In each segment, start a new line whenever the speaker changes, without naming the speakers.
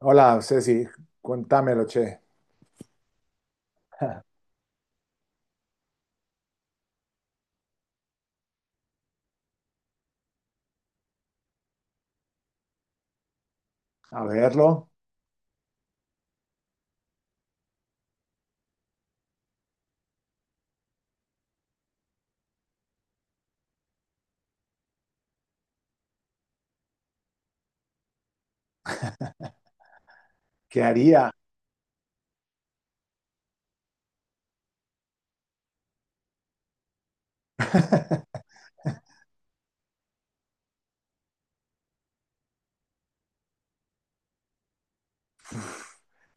Hola, Ceci, cuéntamelo, che. A verlo, ¿qué haría?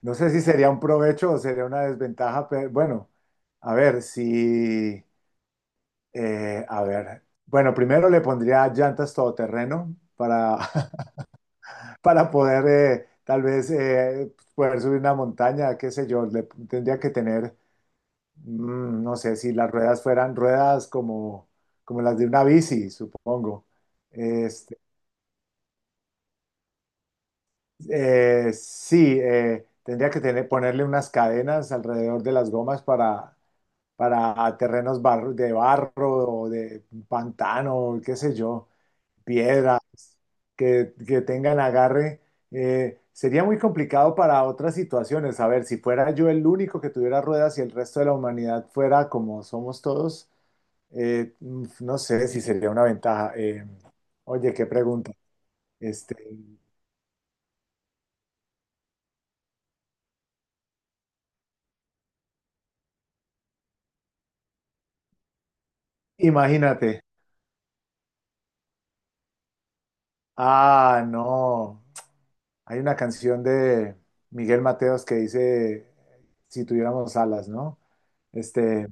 No sé si sería un provecho o sería una desventaja, pero bueno, a ver, si, a ver, bueno, primero le pondría llantas todoterreno para, para poder tal vez poder subir una montaña, qué sé yo, le tendría que tener, no sé, si las ruedas fueran ruedas como, como las de una bici, supongo. Este, sí, tendría que tener, ponerle unas cadenas alrededor de las gomas para de barro o de pantano, qué sé yo, piedras que tengan agarre. Sería muy complicado para otras situaciones. A ver, si fuera yo el único que tuviera ruedas y el resto de la humanidad fuera como somos todos, no sé si sería una ventaja. Oye, qué pregunta. Este, Imagínate. Ah, no. Hay una canción de Miguel Mateos que dice, si tuviéramos alas, ¿no? Este,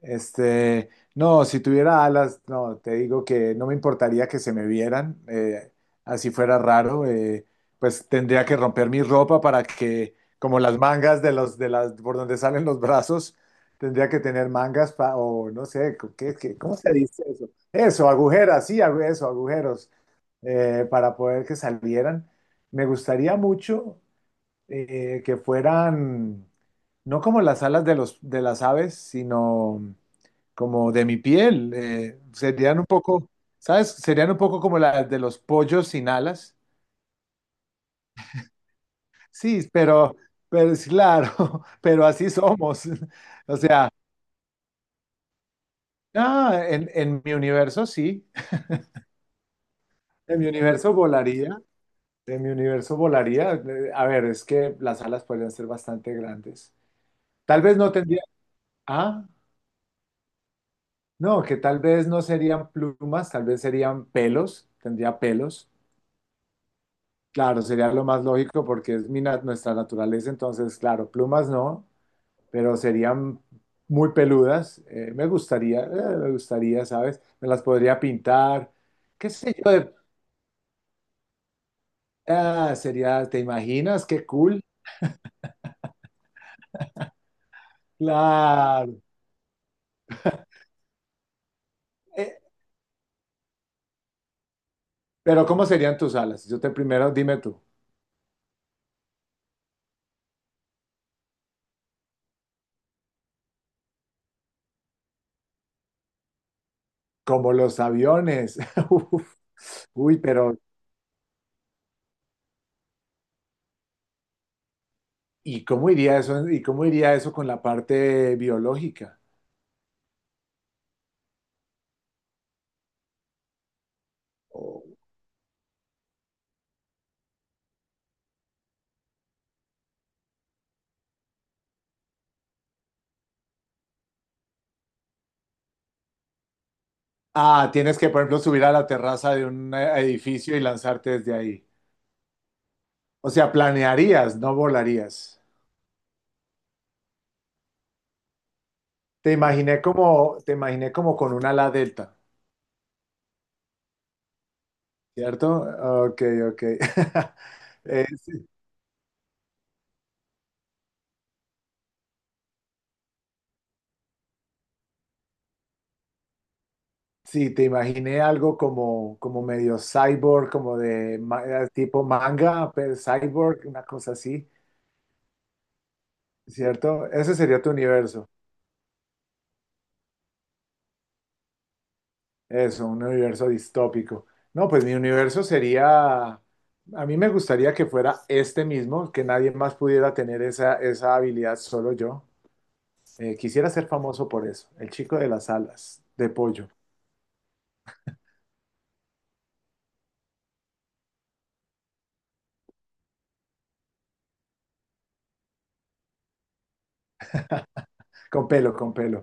este, no, si tuviera alas, no, te digo que no me importaría que se me vieran, así fuera raro, pues tendría que romper mi ropa para que, como las mangas de las, por donde salen los brazos, tendría que tener o no sé, ¿qué, cómo se dice eso? Eso, agujeras, sí, eso, agujeros para poder que salieran. Me gustaría mucho que fueran, no como las alas de las aves, sino como de mi piel. Serían un poco, ¿sabes? Serían un poco como las de los pollos sin alas. Sí, pero es claro, pero así somos. O sea, ah, en mi universo sí, en mi universo volaría. En mi universo volaría. A ver, es que las alas podrían ser bastante grandes. Tal vez no tendría. Ah, no, que tal vez no serían plumas, tal vez serían pelos, tendría pelos. Claro, sería lo más lógico porque es nuestra naturaleza, entonces, claro, plumas no, pero serían muy peludas. Me gustaría, ¿sabes? Me las podría pintar, qué sé yo. Ah, sería, ¿te imaginas? Qué cool. Claro. Eh, pero ¿cómo serían tus alas? Yo te primero, dime tú. Como los aviones. Uf, uy, pero ¿y cómo iría eso, y cómo iría eso con la parte biológica? O- Ah, tienes que, por ejemplo, subir a la terraza de un edificio y lanzarte desde ahí. O sea, planearías, no volarías. Te imaginé como con un ala delta, ¿cierto? Ok, ok. Eh, sí, sí, te imaginé algo como, como medio cyborg, como de tipo manga, pero cyborg, una cosa así, ¿cierto? Ese sería tu universo. Eso, un universo distópico. No, pues mi universo sería, a mí me gustaría que fuera este mismo, que nadie más pudiera tener esa, esa habilidad, solo yo. Quisiera ser famoso por eso, el chico de las alas, de pollo, con pelo, con pelo.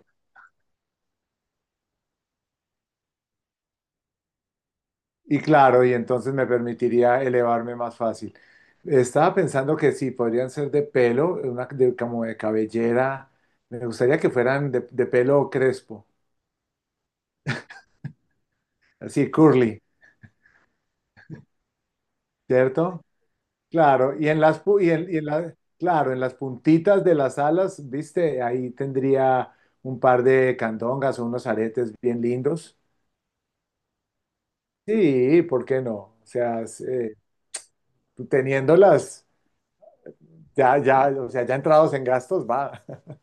Y claro, y entonces me permitiría elevarme más fácil. Estaba pensando que sí, podrían ser de pelo, una, como de cabellera. Me gustaría que fueran de pelo crespo, así curly, ¿cierto? Claro, y en las, y en claro, en las puntitas de las alas, viste, ahí tendría un par de candongas o unos aretes bien lindos. Sí, ¿por qué no? O sea, es, teniéndolas, ya, ya, o sea, ya entrados en gastos, va.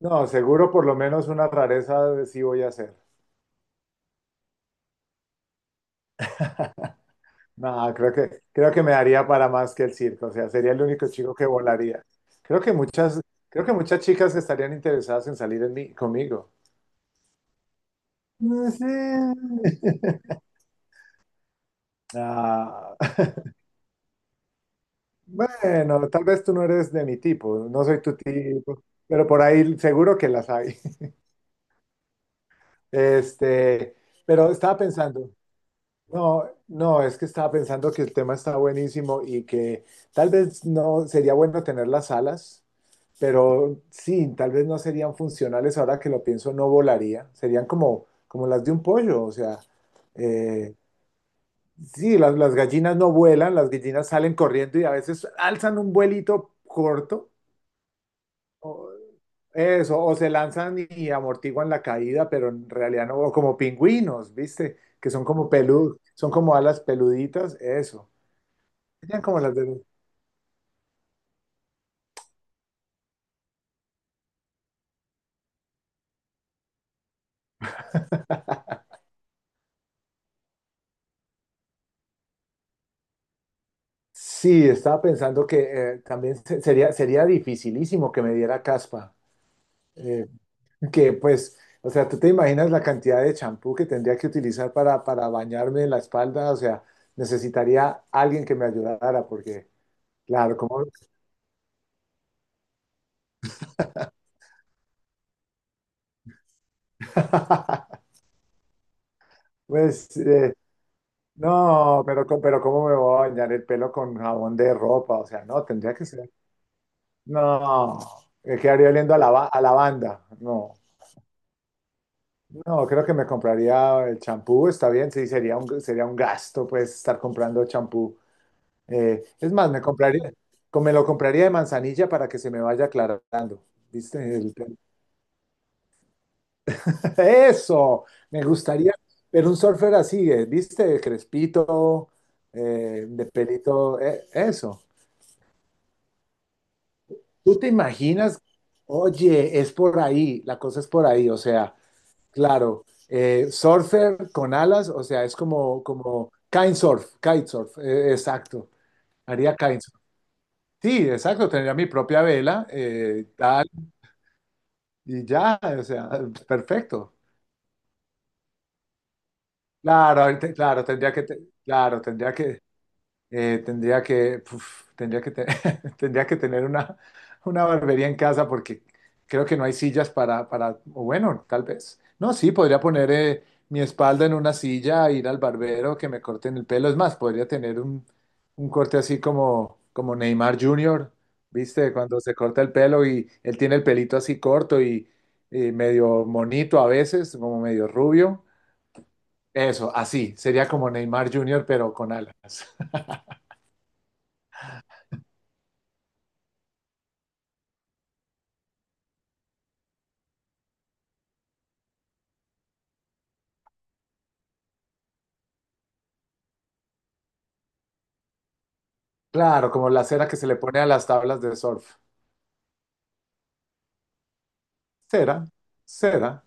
No, seguro por lo menos una rareza sí voy a hacer. No, creo que me daría para más que el circo, o sea, sería el único chico que volaría. Creo que muchas, Creo que muchas chicas estarían interesadas en salir en mí, conmigo. No sé. Ah, bueno, tal vez tú no eres de mi tipo, no soy tu tipo, pero por ahí seguro que las hay. Este, pero estaba pensando, no, no, es que estaba pensando que el tema está buenísimo y que tal vez no sería bueno tener las alas, pero sí, tal vez no serían funcionales ahora que lo pienso, no volaría, serían como, como las de un pollo, o sea, eh, sí, las gallinas no vuelan, las gallinas salen corriendo y a veces alzan un vuelito corto, o, eso, o se lanzan y amortiguan la caída, pero en realidad no, o como pingüinos, ¿viste? Que son como peludos, son como alas peluditas, eso. Serían como las de los- Sí, estaba pensando que sería, sería dificilísimo que me diera caspa. eh, o sea, tú te imaginas la cantidad de champú que tendría que utilizar para bañarme en la espalda, o sea, necesitaría alguien que me ayudara, porque, claro, como, pues, eh, no, pero, pero ¿cómo me voy a bañar el pelo con jabón de ropa? O sea, no, tendría que ser, no, me quedaría oliendo a, a lavanda, no, no, creo que me compraría el champú, está bien, sí, sería un gasto, pues, estar comprando champú. Es más, me lo compraría de manzanilla para que se me vaya aclarando. ¿Viste? El tema. Eso, me gustaría pero un surfer así, ¿viste? Crespito, de pelito, eso. ¿Tú te imaginas? Oye, es por ahí, la cosa es por ahí, o sea, claro, surfer con alas, o sea, es como, como kitesurf, kitesurf, exacto, haría kitesurf. Sí, exacto, tendría mi propia vela, tal. Y ya, o sea, perfecto. Claro, claro, claro, tendría que, puf, tendría que, te- tendría que tener una barbería en casa porque creo que no hay sillas para, o bueno, tal vez. No, sí, podría poner mi espalda en una silla, ir al barbero, que me corten el pelo. Es más, podría tener un corte así como, como Neymar Jr., ¿viste? Cuando se corta el pelo y él tiene el pelito así corto y medio monito a veces, como medio rubio. Eso, así, sería como Neymar Jr., pero con alas. Claro, como la cera que se le pone a las tablas de surf. Cera, cera.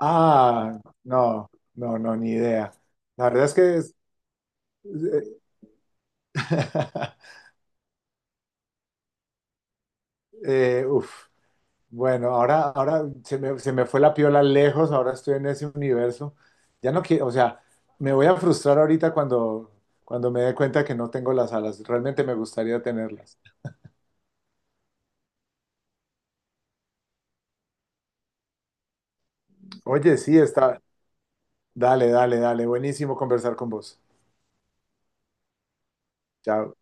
Ah, no, no, no, ni idea. La verdad es que uf. Bueno, ahora, se me fue la piola lejos, ahora estoy en ese universo. Ya no quiero, o sea, me voy a frustrar ahorita cuando, cuando me dé cuenta que no tengo las alas. Realmente me gustaría tenerlas. Oye, sí, está. Dale, dale, dale. Buenísimo conversar con vos. Chao.